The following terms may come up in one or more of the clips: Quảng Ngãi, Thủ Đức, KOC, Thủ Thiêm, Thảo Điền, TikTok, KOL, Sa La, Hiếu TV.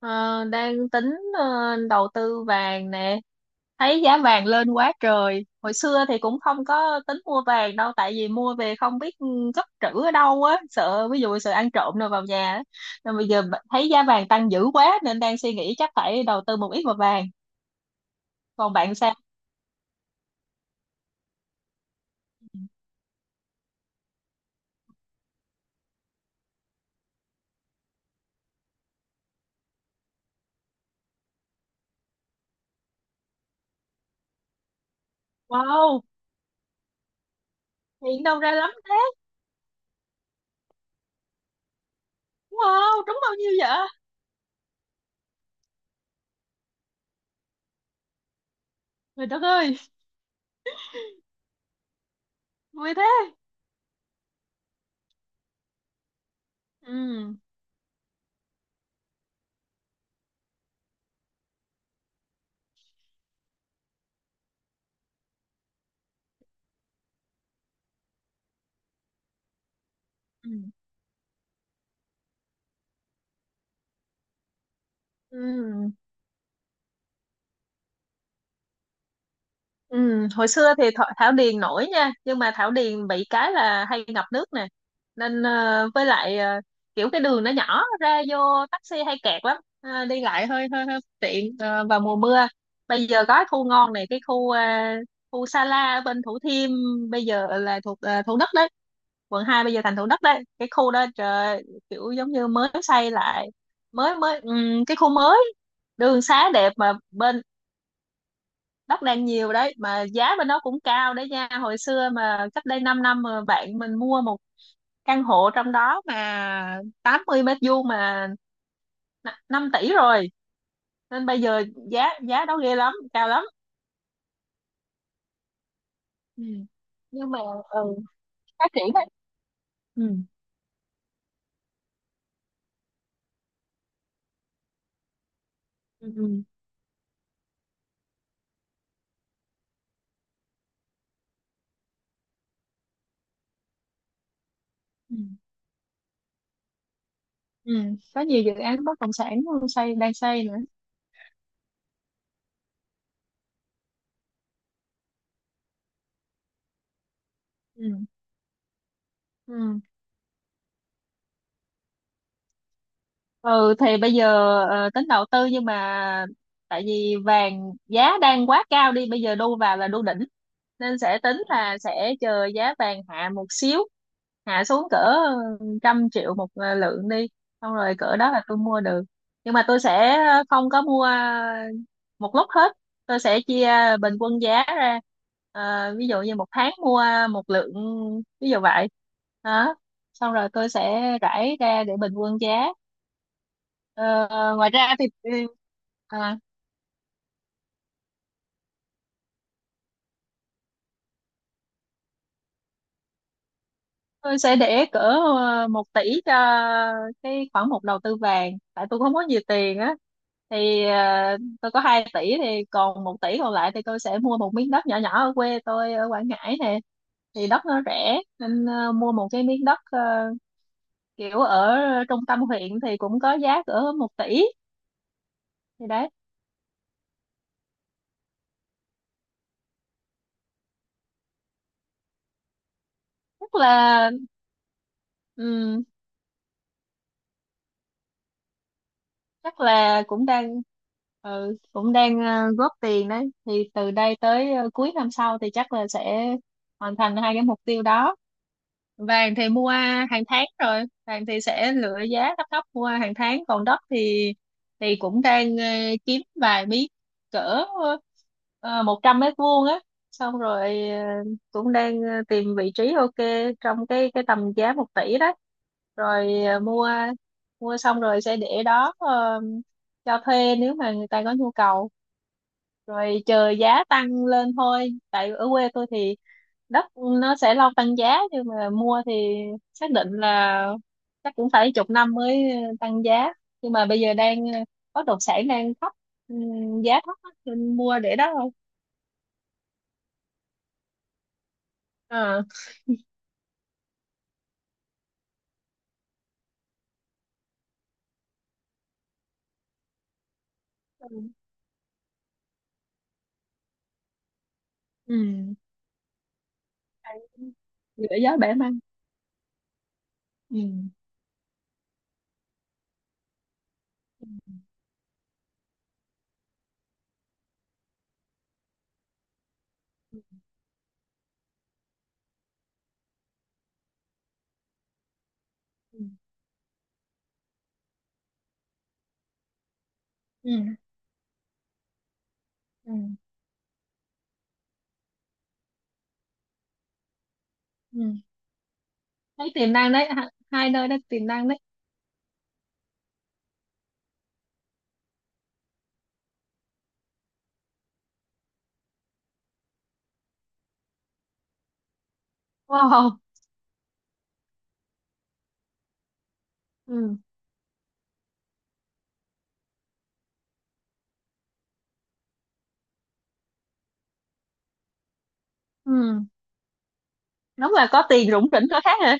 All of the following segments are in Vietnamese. Ờ, đang tính đầu tư vàng nè. Thấy giá vàng lên quá trời, hồi xưa thì cũng không có tính mua vàng đâu, tại vì mua về không biết cất trữ ở đâu á, sợ, ví dụ, sợ ăn trộm rồi vào nhà á. Nên bây giờ thấy giá vàng tăng dữ quá, nên đang suy nghĩ chắc phải đầu tư một ít vào vàng. Còn bạn sao? Wow, hiện đâu ra lắm thế? Wow, trúng bao nhiêu vậy? Trời đất ơi! Vui thế. Ừ. Ừ. Ừ. Ừ, hồi xưa thì Thảo Điền nổi nha, nhưng mà Thảo Điền bị cái là hay ngập nước nè. Nên với lại kiểu cái đường nó nhỏ, ra vô taxi hay kẹt lắm. Ờ, Đi lại hơi hơi, hơi bất tiện, vào mùa mưa. Bây giờ có cái khu ngon này, khu Sa La ở bên Thủ Thiêm, bây giờ là thuộc Thủ Đức đấy. quận 2 bây giờ thành Thủ Đức đấy. Cái khu đó trời ơi, kiểu giống như mới xây lại, mới mới cái khu mới, đường xá đẹp. Mà bên đất đai nhiều đấy, mà giá bên đó cũng cao đấy nha. Hồi xưa, mà cách đây 5 năm, mà bạn mình mua một căn hộ trong đó mà 80 mét vuông mà 5 tỷ rồi. Nên bây giờ giá giá đó ghê lắm, cao lắm. Ừ. Nhưng mà, ừ, phát triển đấy. Ừ. Ừ. Ừ. Ừ. Ừ. Có nhiều dự án bất động sản đang xây nữa. Ừ. Ừ. Ừ, thì bây giờ tính đầu tư, nhưng mà tại vì vàng giá đang quá cao, đi bây giờ đu vào là đu đỉnh, nên sẽ tính là sẽ chờ giá vàng hạ một xíu, hạ xuống cỡ 100 triệu một lượng đi, xong rồi cỡ đó là tôi mua được. Nhưng mà tôi sẽ không có mua một lúc hết, tôi sẽ chia bình quân giá ra. Ờ, ví dụ như 1 tháng mua 1 lượng, ví dụ vậy đó. Xong rồi tôi sẽ rải ra để bình quân giá. Ờ, ngoài ra thì à, tôi sẽ để cỡ 1 tỷ cho cái khoản mục đầu tư vàng, tại tôi không có nhiều tiền á. Thì tôi có 2 tỷ thì còn 1 tỷ còn lại, thì tôi sẽ mua một miếng đất nhỏ nhỏ ở quê tôi ở Quảng Ngãi nè. Thì đất nó rẻ, nên mua một cái miếng đất, kiểu ở trung tâm huyện, thì cũng có giá cỡ 1 tỷ. Thì đấy. Tức là chắc là cũng đang góp tiền đấy, thì từ đây tới cuối năm sau thì chắc là sẽ hoàn thành hai cái mục tiêu đó. Vàng thì mua hàng tháng rồi, vàng thì sẽ lựa giá thấp thấp, mua hàng tháng. Còn đất thì cũng đang kiếm vài miếng cỡ 100 mét vuông á. Xong rồi cũng đang tìm vị trí ok trong cái tầm giá 1 tỷ đó, rồi ờ, mua mua xong rồi sẽ để đó, cho thuê nếu mà người ta có nhu cầu, rồi chờ giá tăng lên thôi. Tại ở quê tôi thì đất nó sẽ lâu tăng giá, nhưng mà mua thì xác định là chắc cũng phải chục năm mới tăng giá. Nhưng mà bây giờ bất động sản đang thấp, giá thấp á, nên mua để đó thôi. À. Ừ. Ừ. Giữa gió bẻ măng. Ừ. Ừ. Ừ. Ừ. Ừ. Thấy tiềm năng đấy, hai nơi đó tiềm năng đấy. Wow. Ừ. Ừ. Đúng là có tiền rủng rỉnh có khác hả.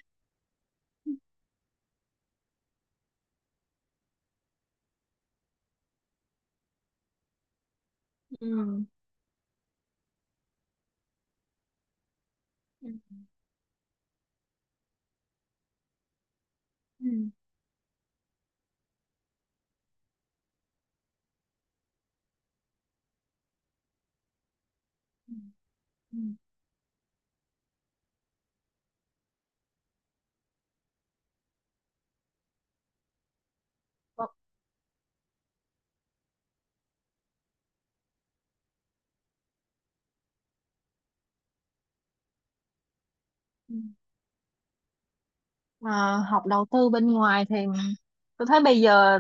Ừ. Ừ. Ừ. Ừ. Vâng. Ừ. Mà học đầu tư bên ngoài thì tôi thấy bây giờ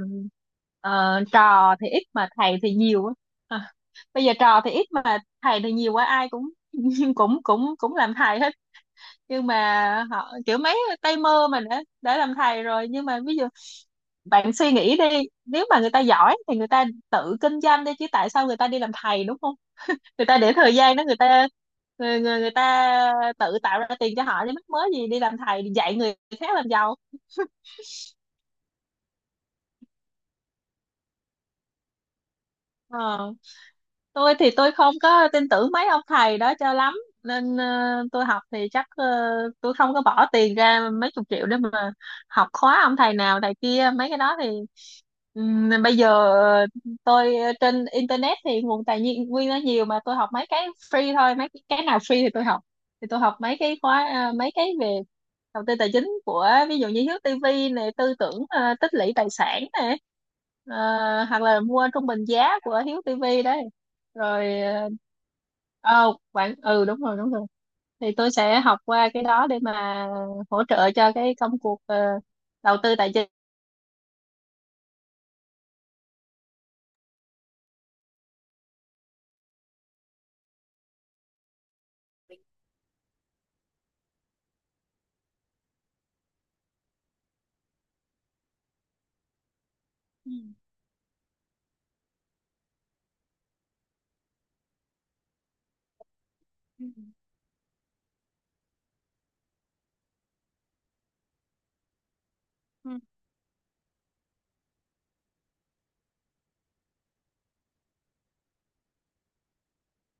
trò thì ít mà thầy thì nhiều á. À, bây giờ trò thì ít mà thầy thì nhiều quá, ai cũng cũng cũng cũng làm thầy hết. Nhưng mà họ kiểu mấy tay mơ mà đã làm thầy rồi. Nhưng mà ví dụ, bạn suy nghĩ đi, nếu mà người ta giỏi thì người ta tự kinh doanh đi chứ, tại sao người ta đi làm thầy, đúng không? Người ta để thời gian đó, người ta người người, người ta tự tạo ra tiền cho họ đi, mắc mớ gì đi làm thầy, đi dạy người khác làm giàu. ờ tôi thì tôi không có tin tưởng mấy ông thầy đó cho lắm, nên tôi học thì chắc tôi không có bỏ tiền ra mấy chục triệu để mà học khóa ông thầy nào thầy kia mấy cái đó. Thì bây giờ ờ, tôi, trên internet thì nguồn tài nguyên nó nhiều, mà tôi học mấy cái free thôi, mấy cái nào free thì tôi học. Thì tôi học mấy cái khóa mấy cái về đầu tư tài chính của, ví dụ như Hiếu TV này, tư tưởng tích lũy tài sản này, ờ, hoặc là mua trung bình giá của Hiếu TV đấy. Rồi, ờ oh, bạn, ừ, đúng rồi, đúng rồi. Thì tôi sẽ học qua cái đó để mà hỗ trợ cho cái công cuộc đầu tư tài chính. Ừ. Ừ.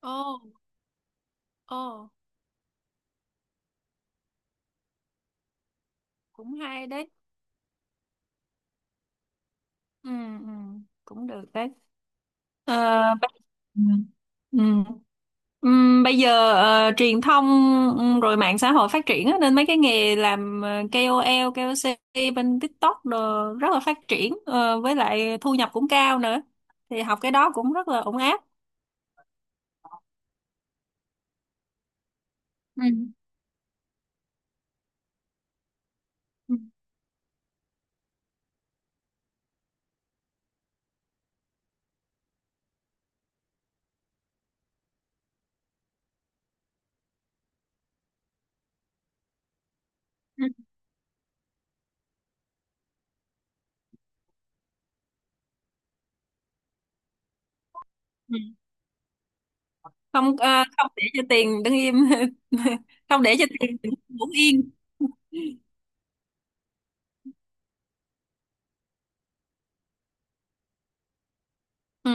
Ồ, ồ, cũng hay đấy. Ừ, ừ, cũng được đấy. Ờ, ba- ừ. Ừ. Bây giờ truyền thông, rồi mạng xã hội phát triển á, nên mấy cái nghề làm KOL, KOC bên TikTok đồ rất là phát triển, với lại thu nhập cũng cao nữa. Thì học cái đó cũng rất là ổn áp. Ừ. Ừ. Ừ. Ừ. Không, không để cho tiền đứng im, không để cho tiền đứng yên. Ừ.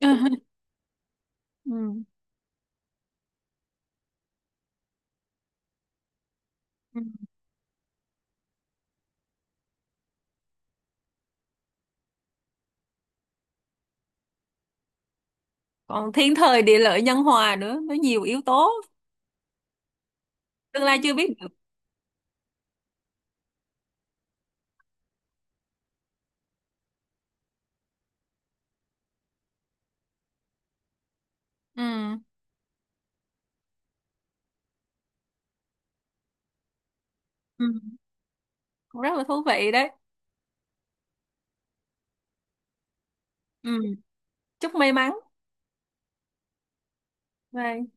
Ừ. Ừ. Còn thiên thời địa lợi nhân hòa nữa, nó nhiều yếu tố, tương lai chưa biết được. Ừm. Ừ. Cũng rất là thú vị đấy. Ừ. Chúc may mắn. Bye.